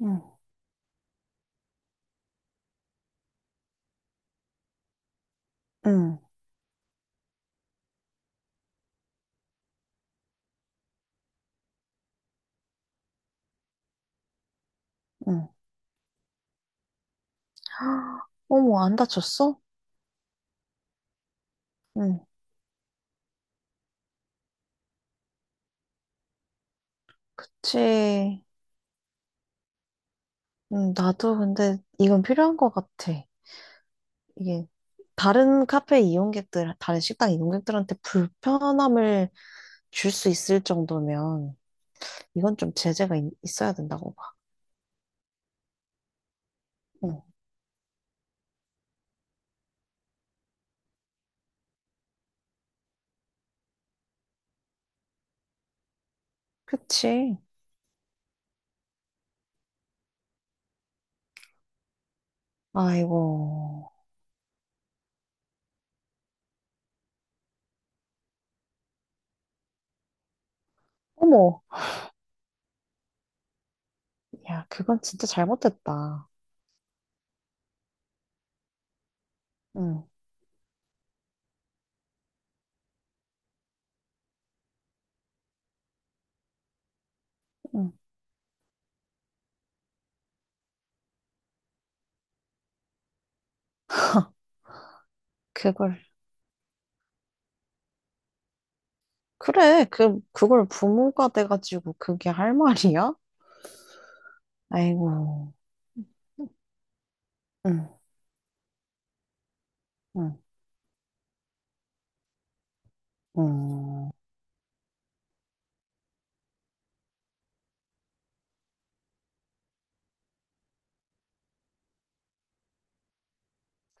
응, 응, 응, 어머, 안 다쳤어? 응. 그치. 응, 나도 근데 이건 필요한 것 같아. 이게 다른 카페 이용객들, 다른 식당 이용객들한테 불편함을 줄 수 있을 정도면 이건 좀 제재가 있어야 된다고 봐. 응. 그치. 아이고. 어머. 야, 그건 진짜 잘못됐다. 응, 응. 그걸. 그래, 그걸 부모가 돼가지고 그게 할 말이야? 아이고, 응, 응, 응.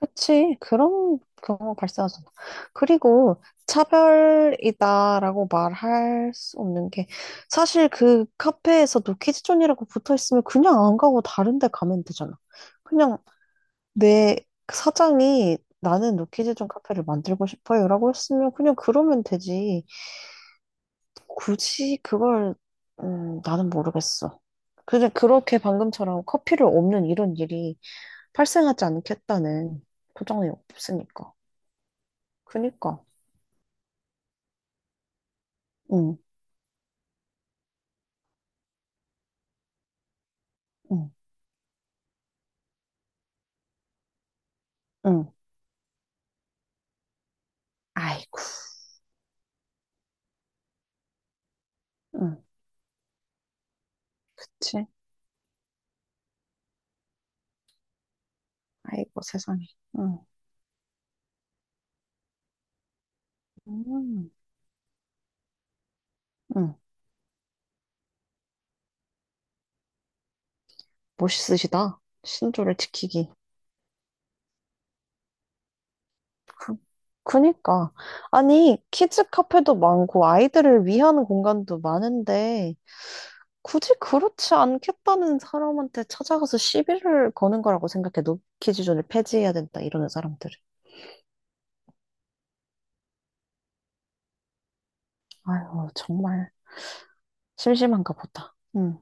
그치. 그런 경우 발생하죠. 그리고 차별이다라고 말할 수 없는 게 사실 그 카페에서도 키즈존이라고 붙어 있으면 그냥 안 가고 다른 데 가면 되잖아. 그냥 내 사장이 나는 노키즈존 카페를 만들고 싶어요라고 했으면 그냥 그러면 되지. 굳이 그걸, 나는 모르겠어. 근데 그렇게 방금처럼 커피를 없는 이런 일이 발생하지 않겠다는 보장이 없으니까. 그니까. 응, 응, 응. 아이고. 응, 그치? 아이고, 세상에. 응, 음, 응. 멋있으시다. 신조를 지키기. 그, 그니까. 아니, 키즈 카페도 많고, 아이들을 위한 공간도 많은데, 굳이 그렇지 않겠다는 사람한테 찾아가서 시비를 거는 거라고 생각해. 노키 지존을 폐지해야 된다, 이러는 사람들은. 아유, 정말 심심한가 보다.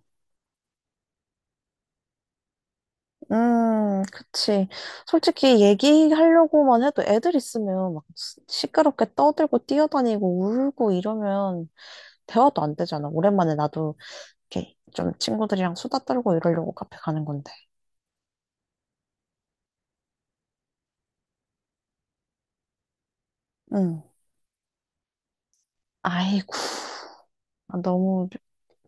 그치. 솔직히 얘기하려고만 해도 애들 있으면 막 시끄럽게 떠들고 뛰어다니고 울고 이러면 대화도 안 되잖아. 오랜만에 나도 이렇게 좀 친구들이랑 수다 떨고 이러려고 카페 가는 건데. 음, 아이고, 아, 너무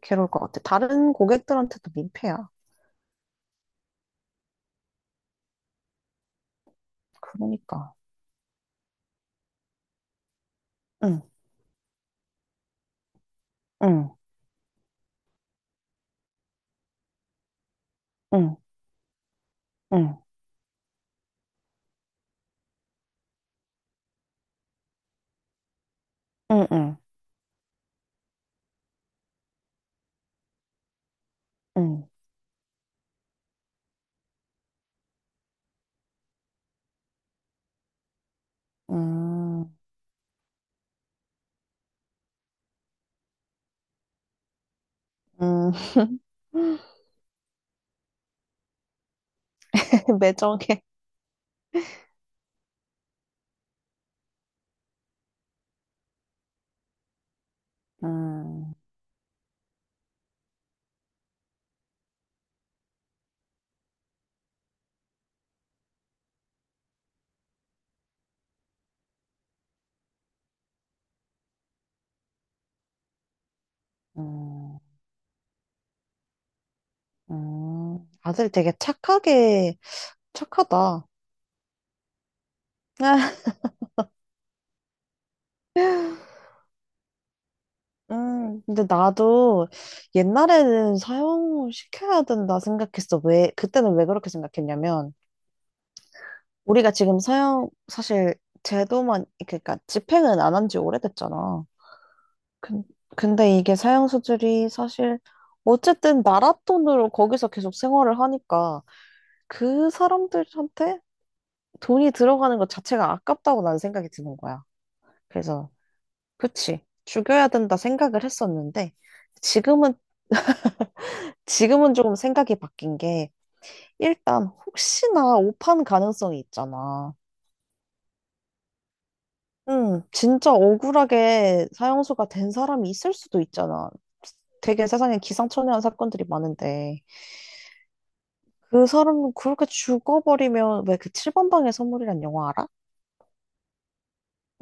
괴로울 것 같아. 다른 고객들한테도 민폐야. 그러니까. 응, 응, 응, 응, 응, 응, 응, 음, 음, 매정해. 음, 음, 아들 되게 착하게, 착하다. 근데 나도 옛날에는 사형시켜야 된다 생각했어. 왜, 그때는 왜 그렇게 생각했냐면, 우리가 지금 사형, 사실 제도만, 그러니까 집행은 안 한 지 오래됐잖아. 근- 근데 이게 사양수들이 사실 어쨌든 나라 돈으로 거기서 계속 생활을 하니까 그 사람들한테 돈이 들어가는 것 자체가 아깝다고 난 생각이 드는 거야. 그래서 그치, 죽여야 된다 생각을 했었는데 지금은 지금은 조금 생각이 바뀐 게 일단 혹시나 오판 가능성이 있잖아. 진짜 억울하게 사형수가 된 사람이 있을 수도 있잖아. 되게 세상에 기상천외한 사건들이 많은데. 그 사람 그렇게 죽어버리면, 왜, 그 7번 방의 선물이란 영화 알아?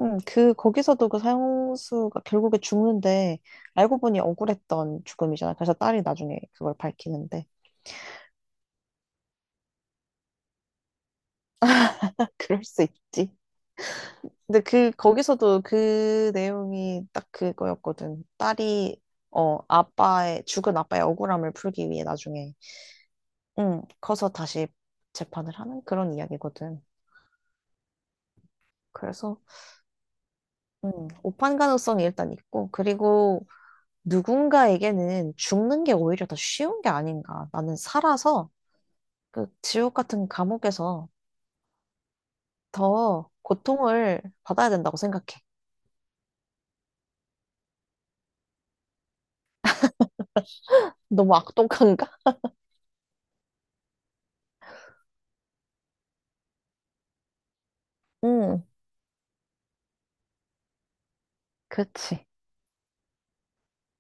응, 그 거기서도 그 사형수가 결국에 죽는데 알고 보니 억울했던 죽음이잖아. 그래서 딸이 나중에 그걸 밝히는데 그럴 수 있지. 근데 그 거기서도 그 내용이 딱 그거였거든. 딸이 어, 아빠의 죽은 아빠의 억울함을 풀기 위해 나중에 응, 커서 다시 재판을 하는 그런 이야기거든. 그래서 오판 가능성이 일단 있고, 그리고 누군가에게는 죽는 게 오히려 더 쉬운 게 아닌가. 나는 살아서 그 지옥 같은 감옥에서 더 고통을 받아야 된다고 생각해. 너무 악독한가? 응, 그렇지.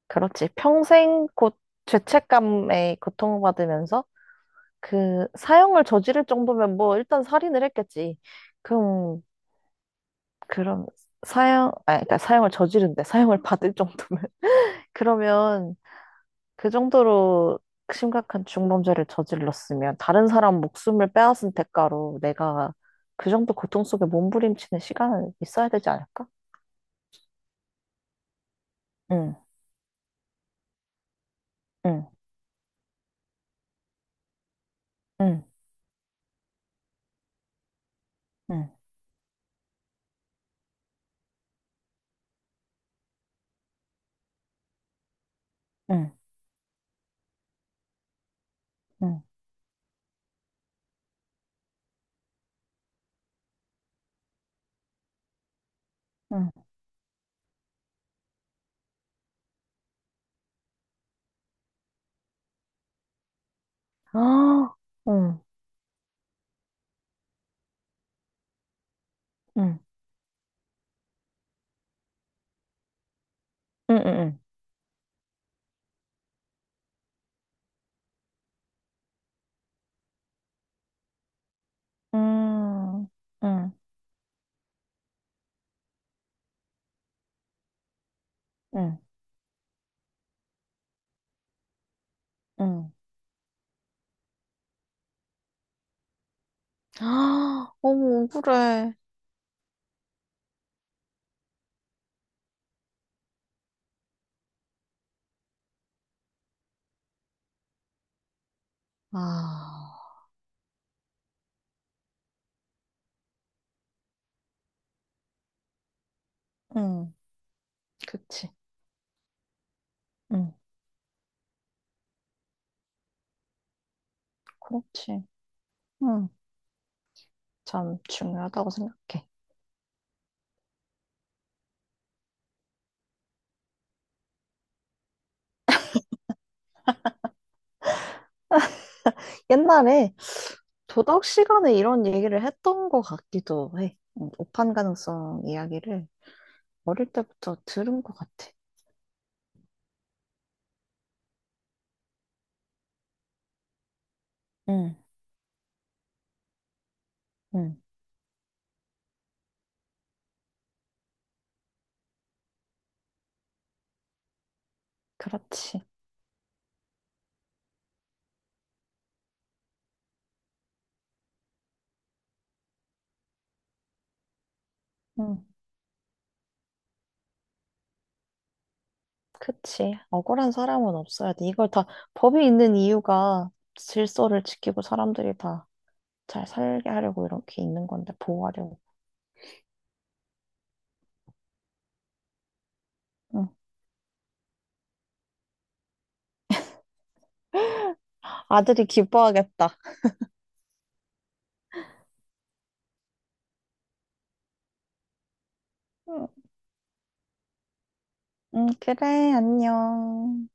그렇지. 평생 곧 죄책감에 고통받으면서 그 사형을 저지를 정도면 뭐 일단 살인을 했겠지. 그럼 그럼 사형, 아니 그러니까 사형을 저지른데 사형을 받을 정도면 그러면 그 정도로 심각한 중범죄를 저질렀으면 다른 사람 목숨을 빼앗은 대가로 내가 그 정도 고통 속에 몸부림치는 시간은 있어야 되지 않을까? 응, 응, 응, 응, 응, 응, 응. 아, 응, 응, 응, 응, 응, 응, 응, 응. 응. 아, 어머, 억울해. 아, 응, 그치. 응, 그렇지. 응, 참 중요하다고 생각해. 옛날에 도덕 시간에 이런 얘기를 했던 것 같기도 해. 오판 가능성 이야기를 어릴 때부터 들은 것 같아. 응, 응, 그렇지. 응, 그치. 억울한 사람은 없어야 돼. 이걸 다, 법이 있는 이유가 질서를 지키고 사람들이 다 잘 살게 하려고 이렇게 있는 건데, 보호하려고. 응. 아들이 기뻐하겠다. 응, 응, 그래, 안녕.